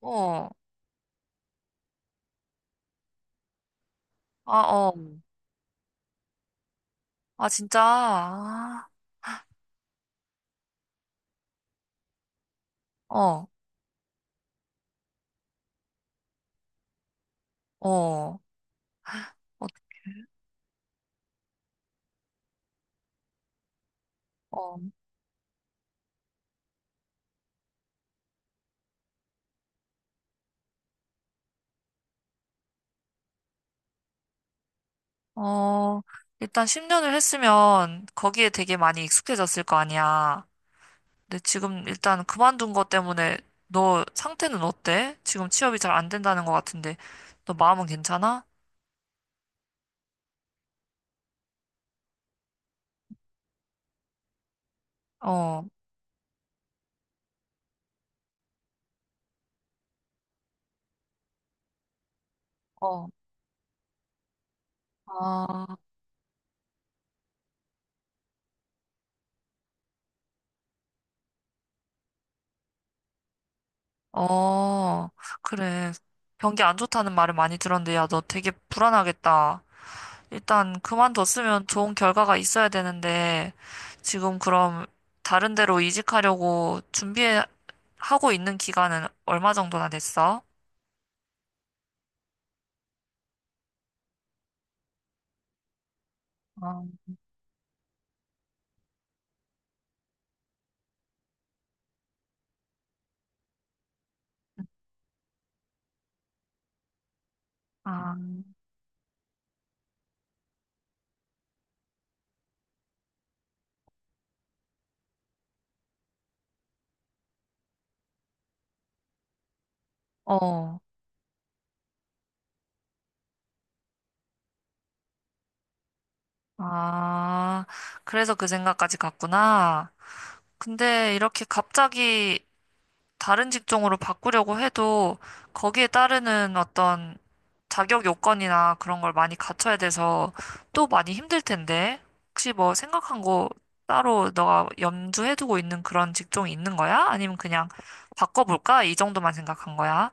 어, 아, 어. 아, 진짜. 아, 어, 어. 어, 어, 어, 일단 10년을 했으면 거기에 되게 많이 익숙해졌을 거 아니야. 근데 지금 일단 그만둔 것 때문에 너 상태는 어때? 지금 취업이 잘 안 된다는 것 같은데 너 마음은 괜찮아? 어, 어, 아, 어, 그래. 경기 안 좋다는 말을 많이 들었는데 야, 너 되게 불안하겠다. 일단 그만뒀으면 좋은 결과가 있어야 되는데, 지금 그럼 다른 데로 이직하려고 준비하고 있는 기간은 얼마 정도나 됐어? 어, 아, 어, 아, 그래서 그 생각까지 갔구나. 근데 이렇게 갑자기 다른 직종으로 바꾸려고 해도 거기에 따르는 어떤 자격 요건이나 그런 걸 많이 갖춰야 돼서 또 많이 힘들 텐데. 혹시 뭐 생각한 거 따로 너가 염두해두고 있는 그런 직종이 있는 거야? 아니면 그냥 바꿔볼까? 이 정도만 생각한 거야?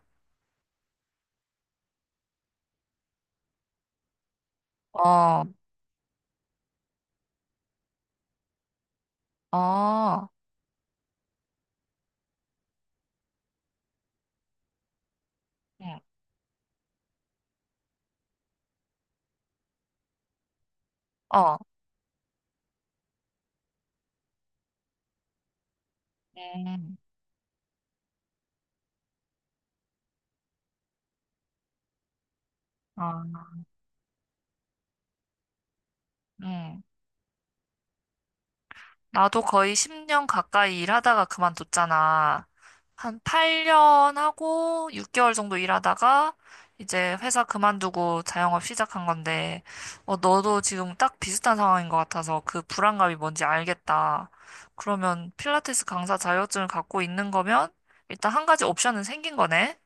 어, 어, 응, 어, 음, 어, 음. 나도 거의 10년 가까이 일하다가 그만뒀잖아. 한 8년 하고 6개월 정도 일하다가 이제 회사 그만두고 자영업 시작한 건데, 어, 너도 지금 딱 비슷한 상황인 것 같아서 그 불안감이 뭔지 알겠다. 그러면 필라테스 강사 자격증을 갖고 있는 거면 일단 한 가지 옵션은 생긴 거네?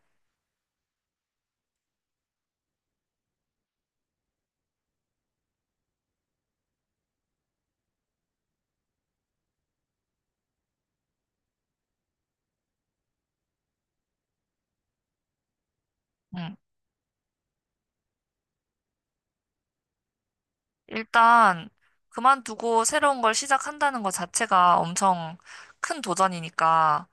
응. 일단 그만두고 새로운 걸 시작한다는 것 자체가 엄청 큰 도전이니까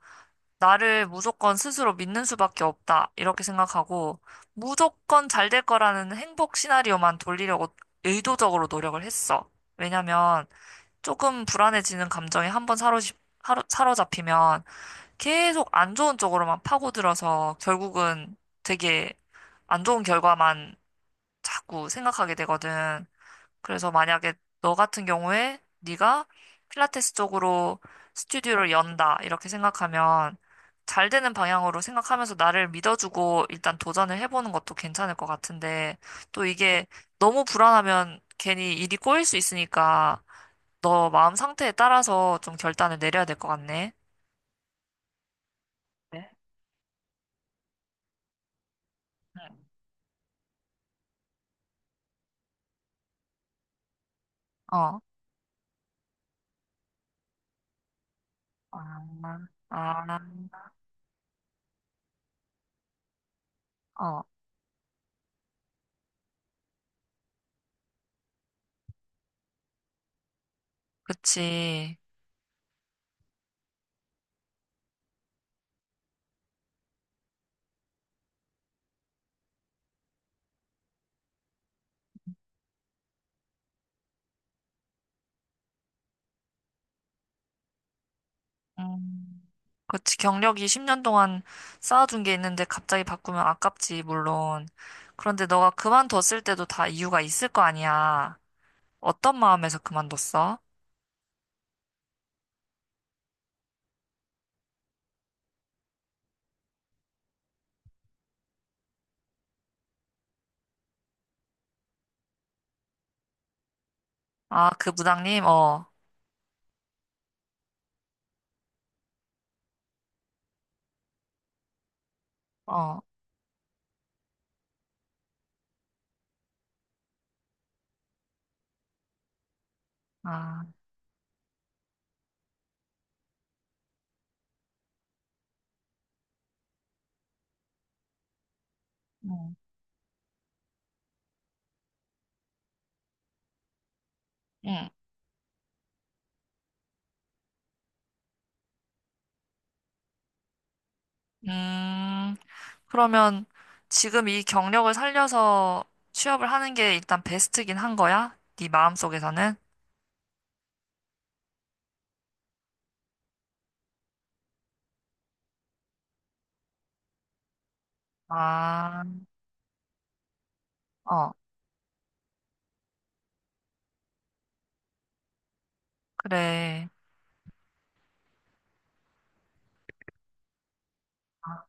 나를 무조건 스스로 믿는 수밖에 없다. 이렇게 생각하고, 무조건 잘 될 거라는 행복 시나리오만 돌리려고 의도적으로 노력을 했어. 왜냐면, 조금 불안해지는 감정에 한번 사로잡히면 계속 안 좋은 쪽으로만 파고들어서 결국은 되게 안 좋은 결과만 자꾸 생각하게 되거든. 그래서 만약에 너 같은 경우에 네가 필라테스 쪽으로 스튜디오를 연다 이렇게 생각하면 잘 되는 방향으로 생각하면서 나를 믿어주고 일단 도전을 해보는 것도 괜찮을 것 같은데 또 이게 너무 불안하면 괜히 일이 꼬일 수 있으니까 너 마음 상태에 따라서 좀 결단을 내려야 될 것 같네. 네. 어, 아, 아, 어, 그치. 음. 그렇지. 경력이 10년 동안 쌓아둔 게 있는데 갑자기 바꾸면 아깝지, 물론. 그런데 너가 그만뒀을 때도 다 이유가 있을 거 아니야. 어떤 마음에서 그만뒀어? 아, 그 부장님? 어, 어, 아, 응, 응. 음, 그러면 지금 이 경력을 살려서 취업을 하는 게 일단 베스트긴 한 거야? 네 마음속에서는? 아, 어, 그래. 아.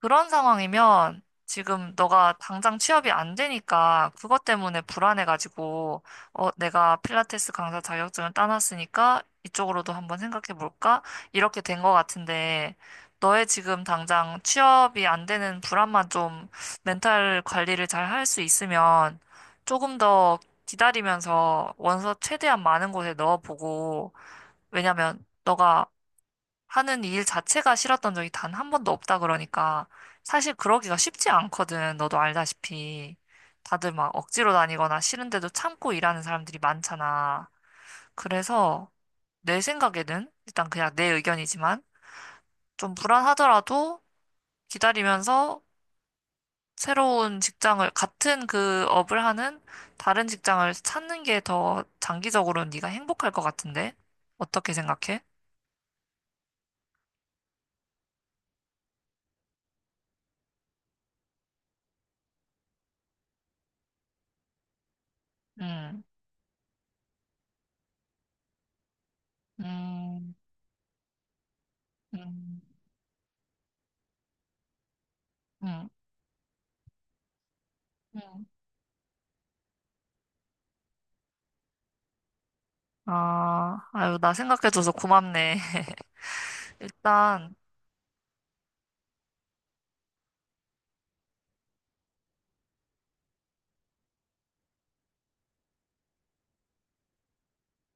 그런 상황이면 지금 너가 당장 취업이 안 되니까 그것 때문에 불안해가지고, 어, 내가 필라테스 강사 자격증을 따놨으니까 이쪽으로도 한번 생각해 볼까? 이렇게 된 것 같은데, 너의 지금 당장 취업이 안 되는 불안만 좀 멘탈 관리를 잘 할 수 있으면 조금 더 기다리면서 원서 최대한 많은 곳에 넣어보고, 왜냐면 너가 하는 일 자체가 싫었던 적이 단 한 번도 없다 그러니까 사실 그러기가 쉽지 않거든. 너도 알다시피 다들 막 억지로 다니거나 싫은데도 참고 일하는 사람들이 많잖아. 그래서 내 생각에는 일단 그냥 내 의견이지만 좀 불안하더라도 기다리면서 새로운 직장을 같은 그 업을 하는 다른 직장을 찾는 게 더 장기적으로는 네가 행복할 것 같은데 어떻게 생각해? 음, 음, 음, 음. 음. 음. 아, 아유, 나 생각해줘서 고맙네. 일단,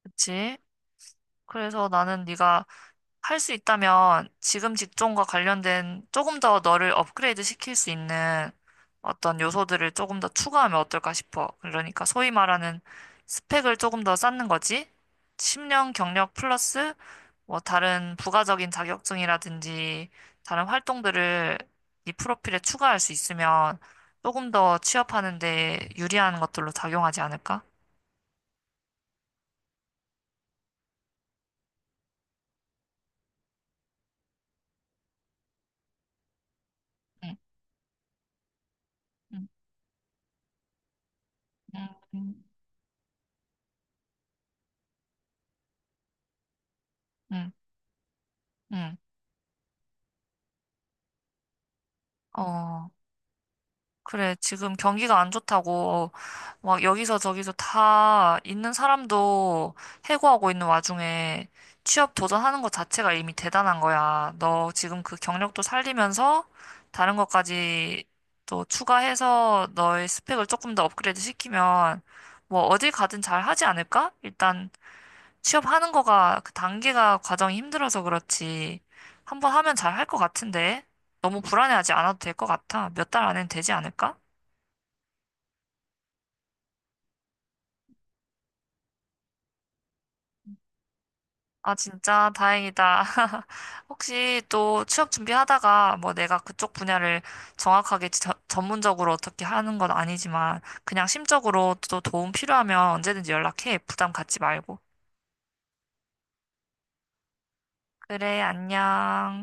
그치? 그래서 나는 네가 할 수 있다면 지금 직종과 관련된 조금 더 너를 업그레이드 시킬 수 있는 어떤 요소들을 조금 더 추가하면 어떨까 싶어. 그러니까 소위 말하는 스펙을 조금 더 쌓는 거지? 10년 경력 플러스 뭐 다른 부가적인 자격증이라든지 다른 활동들을 이 프로필에 추가할 수 있으면 조금 더 취업하는 데 유리한 것들로 작용하지 않을까? 응, 응, 응, 응, 응. 응. 어, 그래, 지금 경기가 안 좋다고, 막 여기서 저기서 다 있는 사람도 해고하고 있는 와중에 취업 도전하는 것 자체가 이미 대단한 거야. 너 지금 그 경력도 살리면서 다른 것까지 또 추가해서 너의 스펙을 조금 더 업그레이드 시키면 뭐 어딜 가든 잘 하지 않을까? 일단 취업하는 거가 그 단계가 과정이 힘들어서 그렇지. 한 번 하면 잘 할 것 같은데. 너무 불안해하지 않아도 될 것 같아. 몇 달 안엔 되지 않을까? 아, 진짜 다행이다. 혹시 또 취업 준비하다가 뭐 내가 그쪽 분야를 정확하게 전문적으로 어떻게 하는 건 아니지만 그냥 심적으로 또 도움 필요하면 언제든지 연락해. 부담 갖지 말고. 그래, 안녕.